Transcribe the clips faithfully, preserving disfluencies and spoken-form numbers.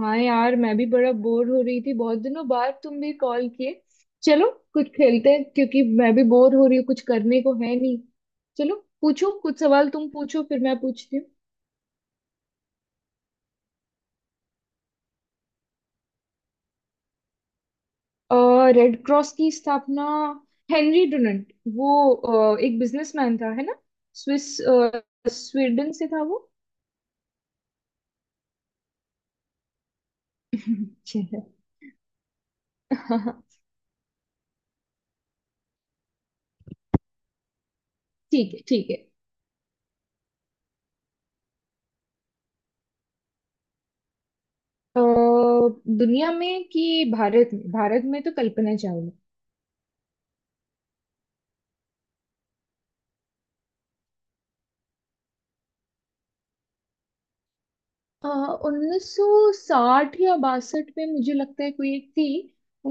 हाँ यार, मैं भी बड़ा बोर हो रही थी। बहुत दिनों बाद तुम भी कॉल किए। चलो कुछ खेलते हैं, क्योंकि मैं भी बोर हो रही हूँ, कुछ करने को है नहीं। चलो, पूछो कुछ सवाल। तुम पूछो फिर मैं पूछती हूँ। रेड क्रॉस की स्थापना। Henry Dunant. वो अ, एक बिजनेसमैन था, है ना। स्विस। अ, स्वीडन से था वो। अच्छा है। ठीक है, ठीक है। अ, दुनिया में कि भारत में? भारत में तो कल्पना चावला। उन्नीस सौ साठ या बासठ में, मुझे लगता है, कोई एक थी।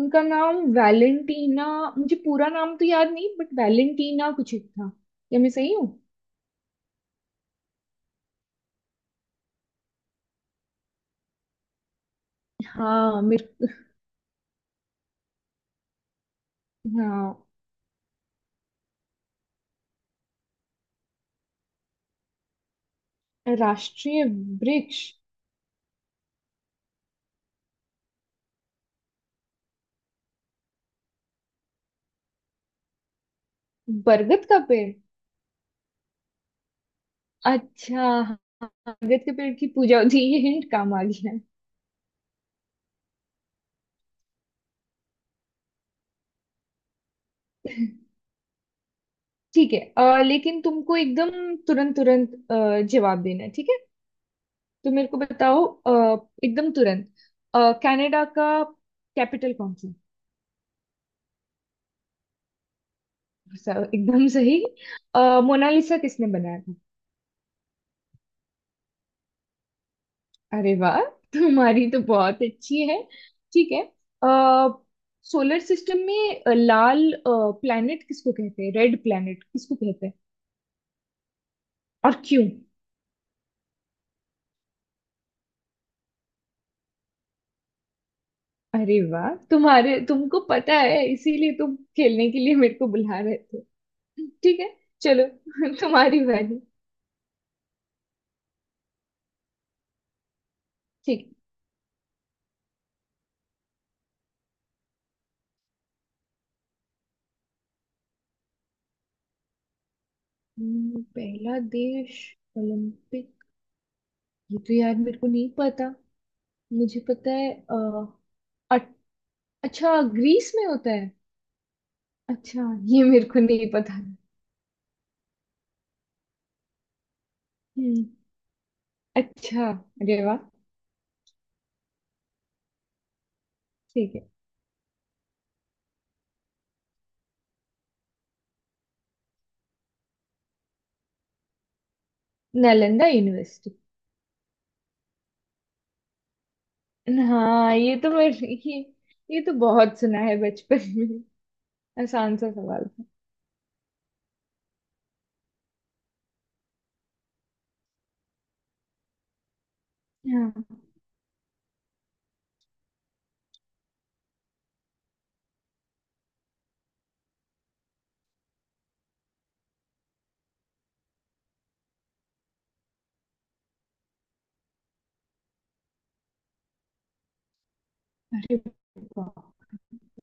उनका नाम वैलेंटीना। मुझे पूरा नाम तो याद नहीं, बट वैलेंटीना कुछ एक था। क्या मैं सही हूँ? हाँ मेरे। हाँ। राष्ट्रीय। वृक्ष। बरगद का पेड़। अच्छा। हाँ, बरगद के पेड़ की पूजा होती है। ये हिंट काम आ गया। ठीक है। अ, लेकिन तुमको एकदम तुरंत तुरंत अ, जवाब देना है, ठीक है। तो मेरे को बताओ, अ, एकदम तुरंत। अ, कनाडा का कैपिटल कौन सा है? स- एकदम सही। अ, मोनालिसा किसने बनाया था? अरे वाह! तुम्हारी तो बहुत अच्छी है। ठीक है। सोलर सिस्टम में अ, लाल प्लैनेट किसको कहते हैं? रेड प्लैनेट किसको कहते हैं? और क्यों? अरे वाह, तुम्हारे तुमको पता है, इसीलिए तुम खेलने के लिए मेरे को बुला रहे थे। ठीक है। चलो, तुम्हारी बारी, ठीक है। हम्म, पहला देश। ओलंपिक। ये तो यार मेरे को नहीं पता। मुझे पता है। अ, अट- अच्छा, ग्रीस में होता है। अच्छा, ये मेरे को नहीं पता। हम्म। अच्छा। अरे वाह! ठीक है। नालंदा यूनिवर्सिटी। हाँ, ये तो मेरे ये, ये तो बहुत सुना है बचपन में। आसान सा सवाल था। हाँ। अरे वाह!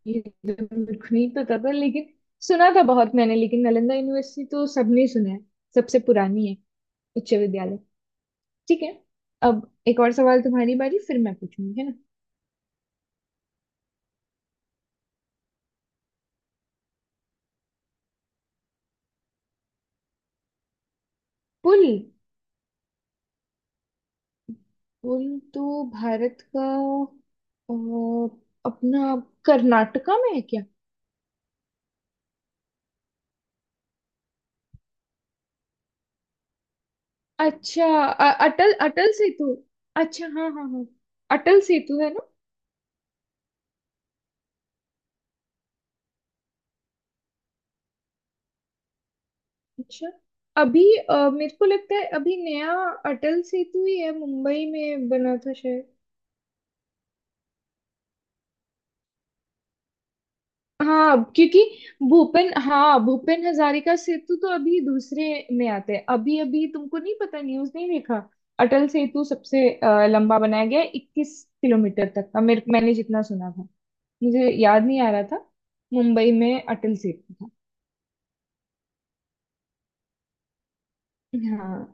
ये तो मेरे को नहीं पता था, लेकिन सुना था बहुत मैंने। लेकिन नालंदा यूनिवर्सिटी तो सबने सुना है। सबसे पुरानी है। उच्च विद्यालय। ठीक है। अब एक और सवाल, तुम्हारी बारी, फिर मैं पूछूंगी, है ना। पुल। पुल। तो भारत का अ, अपना कर्नाटका में है क्या? अच्छा। अ- अटल अटल सेतु। अच्छा, हाँ, हाँ, हाँ। अटल सेतु है ना? अच्छा। अभी अ, मेरे को लगता है, अभी नया अटल सेतु ही है, मुंबई में बना था। हाँ, क्योंकि भूपेन हाँ भूपेन हजारिका सेतु तो अभी दूसरे में आते हैं। अभी अभी तुमको नहीं पता, न्यूज़ नहीं देखा? अटल सेतु सबसे अ, लंबा बनाया गया है, इक्कीस किलोमीटर तक का, मेरे मैंने जितना सुना था। मुझे याद नहीं आ रहा था। मुंबई में अटल सेतु था। हाँ।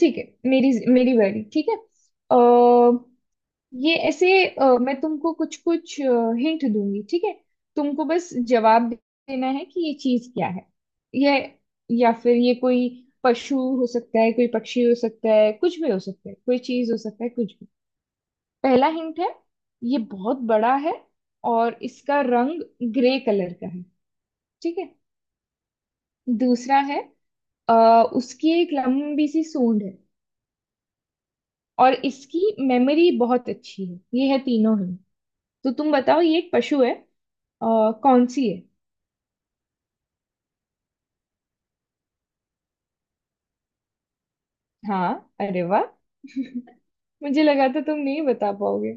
ठीक है। मेरी मेरी बारी, ठीक है। अ, ये ऐसे, अ, मैं तुमको कुछ कुछ हिंट दूंगी, ठीक है। तुमको बस जवाब देना है कि ये चीज क्या है। ये या फिर ये कोई पशु हो सकता है, कोई पक्षी हो सकता है, कुछ भी हो सकता है, कोई चीज हो सकता है, कुछ भी। पहला हिंट है, ये बहुत बड़ा है, और इसका रंग ग्रे कलर का है। ठीक है। दूसरा है, आ, उसकी एक लंबी सी सूंड है, और इसकी मेमोरी बहुत अच्छी है। ये है तीनों हिंट। तो तुम बताओ, ये एक पशु है। आ, कौन सी है? हाँ। अरे वाह! मुझे लगा था तुम नहीं बता पाओगे।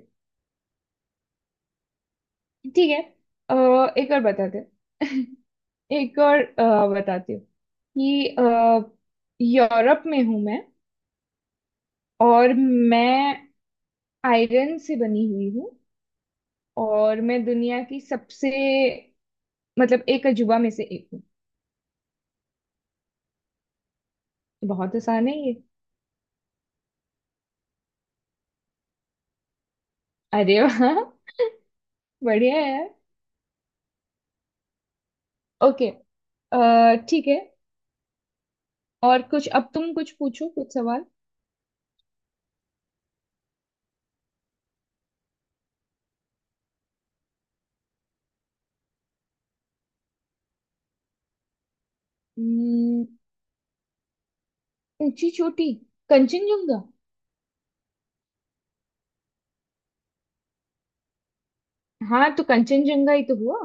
ठीक है। अ, एक और बताते। एक और अ, बताती हूँ कि अ, यूरोप में हूँ मैं, और मैं आयरन से बनी हुई हूँ, और मैं दुनिया की सबसे, मतलब एक अजूबा में से एक हूँ। बहुत आसान है ये। अरे वाह! बढ़िया है यार। ओके। अ, ठीक है। और कुछ, अब तुम कुछ पूछो, कुछ सवाल। ऊंची चोटी। कंचनजंगा। हाँ, तो कंचनजंगा ही तो हुआ।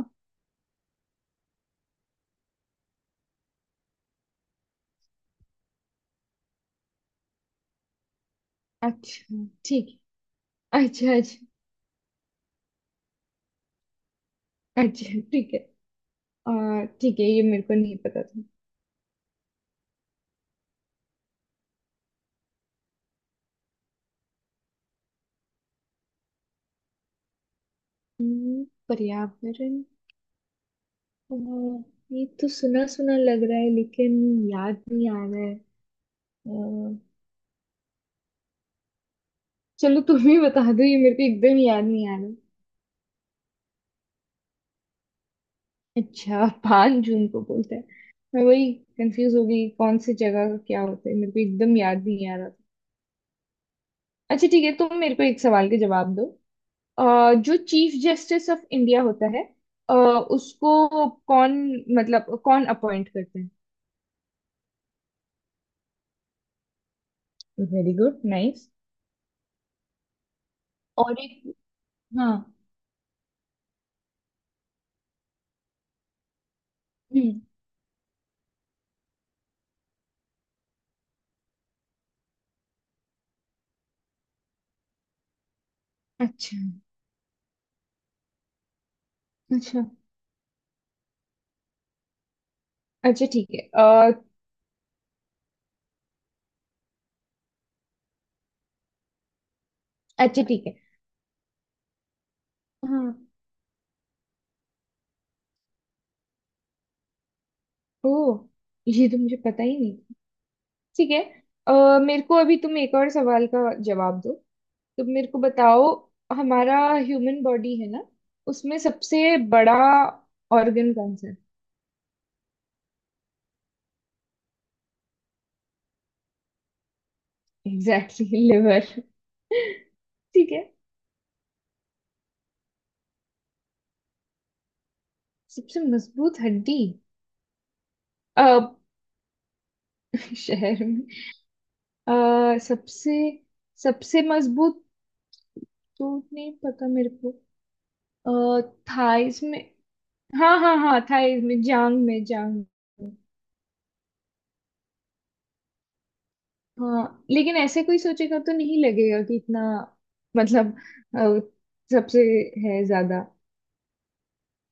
अच्छा, ठीक है। अच्छा, अच्छा। अच्छा, ठीक है। आ, ठीक है, ये मेरे को नहीं पता था। हम्म, पर्यावरण। आ, ये तो सुना सुना लग रहा है, लेकिन याद नहीं आ रहा है। आ, चलो तुम ही बता दो, ये मेरे को एकदम याद नहीं आ रहा। अच्छा, पांच जून को बोलते हैं। मैं वही कंफ्यूज हो गई, कौन सी जगह का क्या होता है, मेरे को एकदम याद नहीं आ रहा था। अच्छा ठीक है, तुम मेरे को एक सवाल के जवाब दो। अ, जो चीफ जस्टिस ऑफ इंडिया होता है, अ, उसको कौन, मतलब कौन अपॉइंट करते हैं? Very good, nice. और एक। हाँ। हम्म। अच्छा, अच्छा। अच्छा, ठीक है। अ, अच्छा, ठीक है। हाँ। ओ। ये तो मुझे पता ही नहीं था। ठीक है। अ, मेरे को अभी तुम एक और सवाल का जवाब दो। तो मेरे को बताओ, हमारा ह्यूमन बॉडी है ना, उसमें सबसे बड़ा ऑर्गन कौन सा है? Exactly, exactly! लिवर। ठीक है। सबसे मजबूत हड्डी। अब शहर में? अ, सबसे, सबसे मजबूत तो नहीं पता मेरे को। अः थाइस में। हाँ, हाँ, हाँ, थाइस में जांग में, जांग में। हाँ, लेकिन ऐसे कोई सोचेगा तो नहीं लगेगा कि इतना, मतलब, अ, सबसे है ज्यादा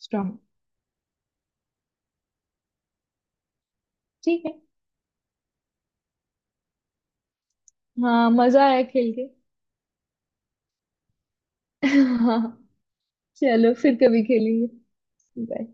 स्ट्रांग। ठीक है। हाँ, मजा आया खेल के। हाँ। चलो, फिर कभी खेलेंगे। बाय।